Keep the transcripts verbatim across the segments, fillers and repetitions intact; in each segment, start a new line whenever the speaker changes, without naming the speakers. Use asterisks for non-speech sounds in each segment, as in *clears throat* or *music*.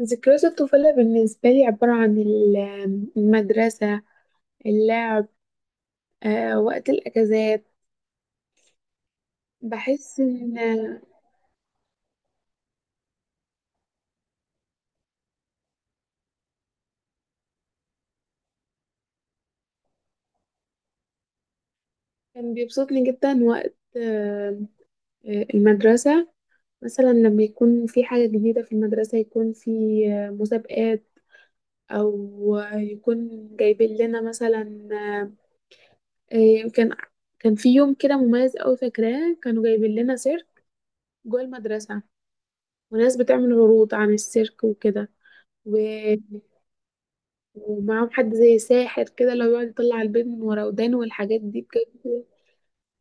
ذكريات الطفولة بالنسبة لي عبارة عن ال- المدرسة، اللعب، آه، وقت الأجازات. بحس إن كان بيبسطني جدا وقت آه، آه، المدرسة. مثلا لما يكون في حاجة جديدة في المدرسة يكون في آه، مسابقات، أو آه، يكون جايبين لنا مثلا آه، آه، كان كان في يوم كده مميز أوي فاكراه، كانوا جايبين لنا سيرك جوه المدرسة، وناس بتعمل عروض عن السيرك وكده، ومعاهم حد زي ساحر كده اللي هو بيقعد يطلع البيض من ورا ودانه والحاجات دي بجد.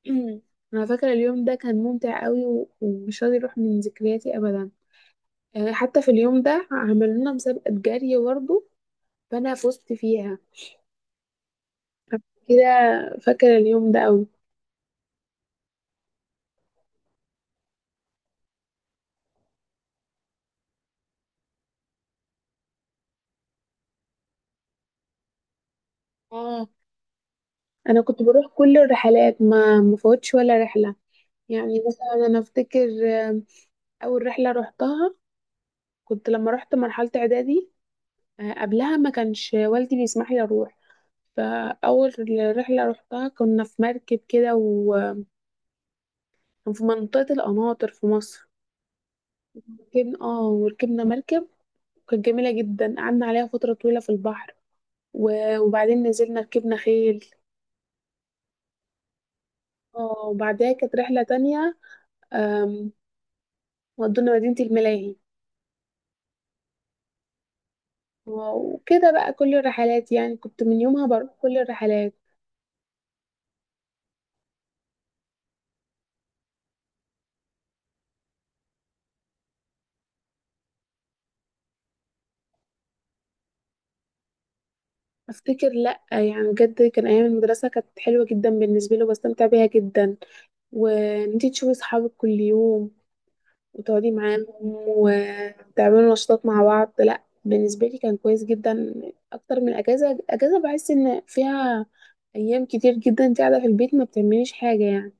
*clears throat* انا فاكره اليوم ده كان ممتع قوي و- ومش راضي يروح من ذكرياتي ابدا. آه، حتى في اليوم ده عملوا لنا مسابقه جري برضه، فانا فزت فيها كده. فاكره اليوم ده قوي. اه، انا كنت بروح كل الرحلات ما مفوتش ولا رحله. يعني مثلا انا افتكر آه، اول رحله روحتها كنت لما رحت مرحله اعدادي. آه، قبلها ما كانش والدي بيسمح لي اروح. فأول رحلة روحتها كنا في مركب كده، وفي منطقة القناطر في مصر. ركبنا اه وركبنا مركب، كانت جميلة جدا، قعدنا عليها فترة طويلة في البحر، و- وبعدين نزلنا ركبنا خيل. اه وبعدها كانت رحلة تانية، آم، ودونا مدينة الملاهي. آه، وكده بقى كل الرحلات، يعني كنت من يومها بروح كل الرحلات. افتكر لا يعني بجد كان ايام المدرسه كانت حلوه جدا بالنسبه لي وبستمتع بيها جدا، وان انتي تشوفي صحابك كل يوم وتقعدي معاهم وتعملوا نشاطات مع بعض. لا بالنسبة لي كان كويس جدا أكتر من أجازة. أجازة بحس إن فيها أيام كتير جدا أنت قاعدة في البيت ما بتعمليش حاجة يعني.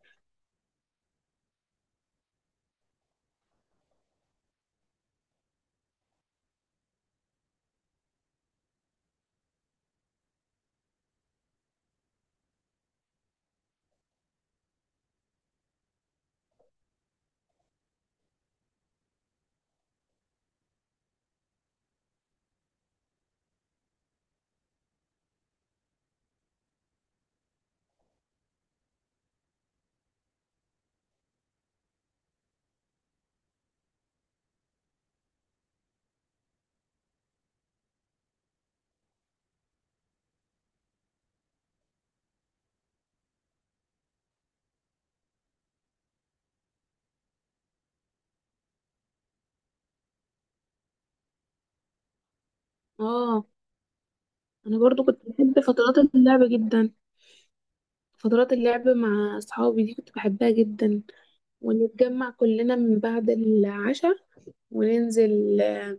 اه، أنا برضو كنت بحب فترات اللعب جدا. فترات اللعب مع أصحابي دي كنت بحبها جدا، ونتجمع كلنا من بعد العشاء وننزل آه،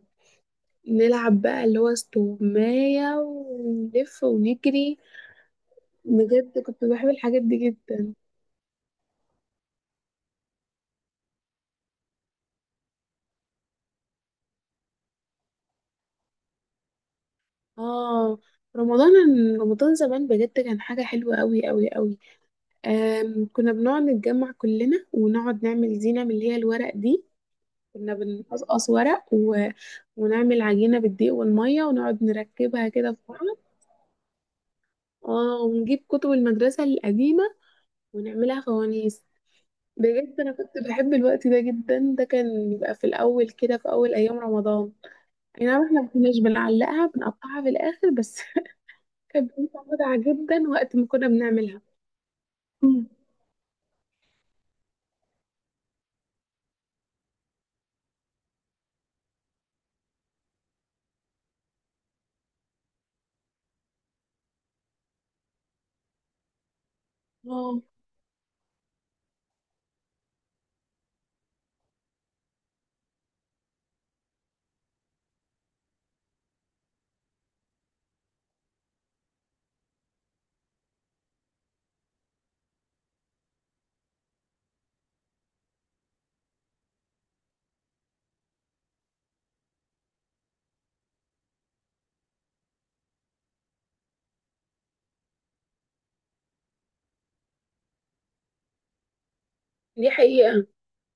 نلعب بقى اللي هو استغماية ونلف ونجري. بجد كنت بحب الحاجات دي جدا. اه، رمضان. رمضان زمان بجد كان حاجة حلوة قوي قوي قوي. آم، كنا بنقعد نتجمع كلنا ونقعد نعمل زينة من اللي هي الورق دي. كنا بنقصقص ورق و... ونعمل عجينة بالدقيق والمية ونقعد نركبها كده في بعض. اه ونجيب كتب المدرسة القديمة ونعملها فوانيس. بجد أنا كنت بحب الوقت ده جدا. ده كان بيبقى في الأول كده، في أول أيام رمضان. أي نعم احنا ما كناش بنعلقها، بنقطعها في الآخر بس. *laughs* كانت بتبقى متعة جدا وقت ما كنا بنعملها. مم. اه دي حقيقة.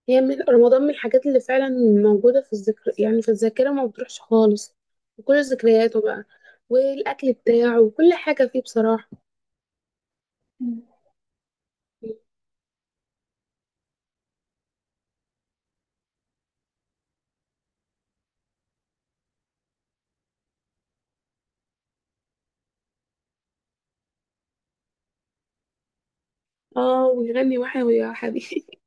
هي من رمضان، من الحاجات اللي فعلا موجودة في الذكر يعني في الذاكرة ما بتروحش خالص. وكل ذكرياته بقى، والأكل بتاعه، وكل حاجة فيه بصراحة. مم. اه ويغني وحيوي يا حبيبي.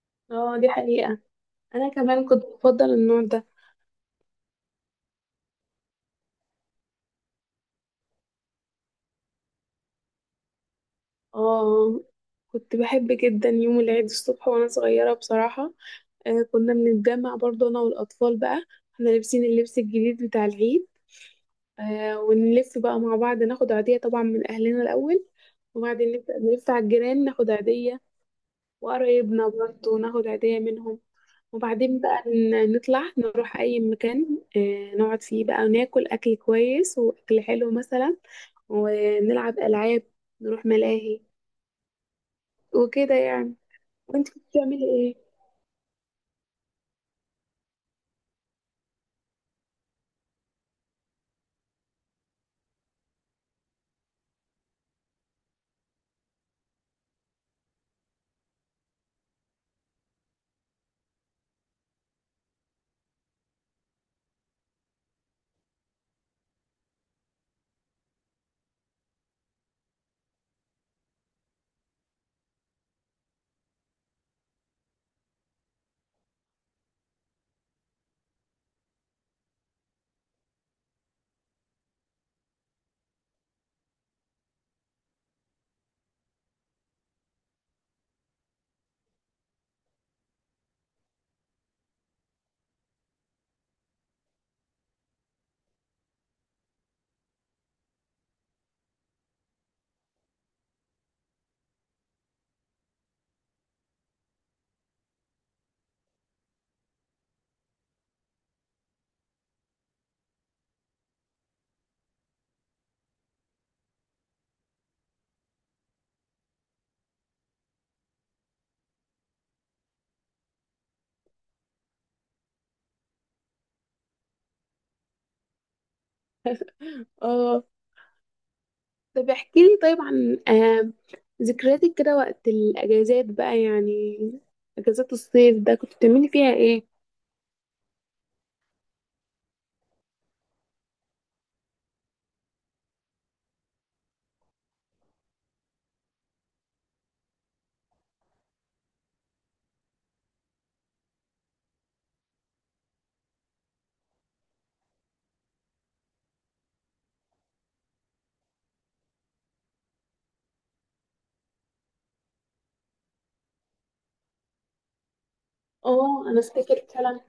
*laughs* اه دي حقيقة. أنا كمان كنت بفضل النوع ده. اه، كنت بحب جدا يوم العيد الصبح وأنا صغيرة بصراحة. آه كنا بنتجمع برضه أنا والأطفال بقى، احنا لابسين اللبس الجديد بتاع العيد. آه ونلف بقى مع بعض، ناخد عيدية طبعا من أهلنا الأول، وبعدين نبدأ نلف على الجيران ناخد عيدية، وقرايبنا برضه ناخد عيدية منهم. وبعدين بقى ن- نطلع نروح أي مكان آه نقعد فيه بقى وناكل أكل كويس وأكل حلو مثلا، ونلعب ألعاب، نروح ملاهي، وكده يعني. وانت كنت بتعملي ايه؟ اه، طب احكي لي طيب عن آه ذكرياتك كده وقت الأجازات بقى، يعني أجازات الصيف ده كنت بتعملي فيها ايه؟ اه انا افتكر فعلا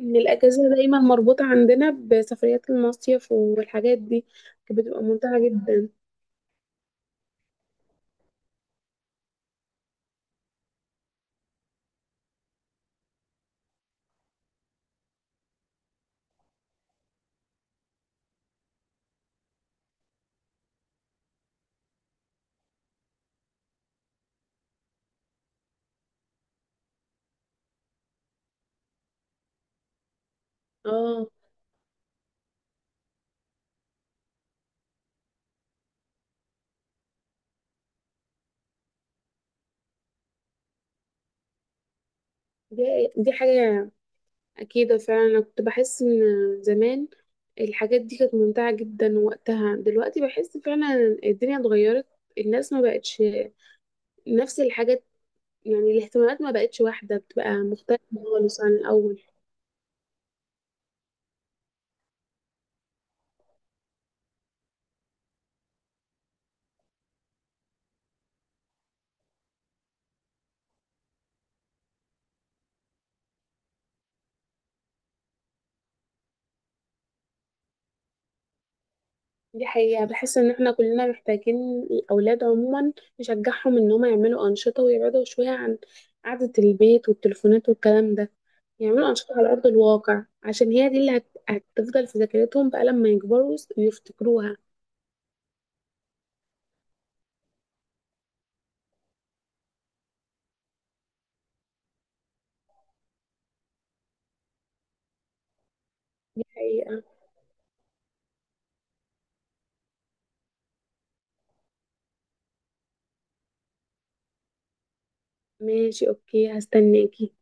ان الاجازه دايما مربوطه عندنا بسفريات المصيف والحاجات دي، كانت بتبقى ممتعه جدا. اه، دي, دي حاجه اكيده فعلا. انا كنت بحس ان زمان الحاجات دي كانت ممتعه جدا وقتها. دلوقتي بحس فعلا الدنيا اتغيرت، الناس ما بقتش نفس الحاجات، يعني الاهتمامات ما بقتش واحده، بتبقى مختلفه خالص عن الاول. دي حقيقة. بحس ان احنا كلنا محتاجين الاولاد عموما نشجعهم ان هم يعملوا انشطة ويبعدوا شوية عن قعدة البيت والتليفونات والكلام ده. يعملوا انشطة على ارض الواقع عشان هي دي اللي هت... هتفضل في ذاكرتهم بقى لما يكبروا ويس- ويفتكروها. دي حقيقة. ماشي اوكي، هستناكي.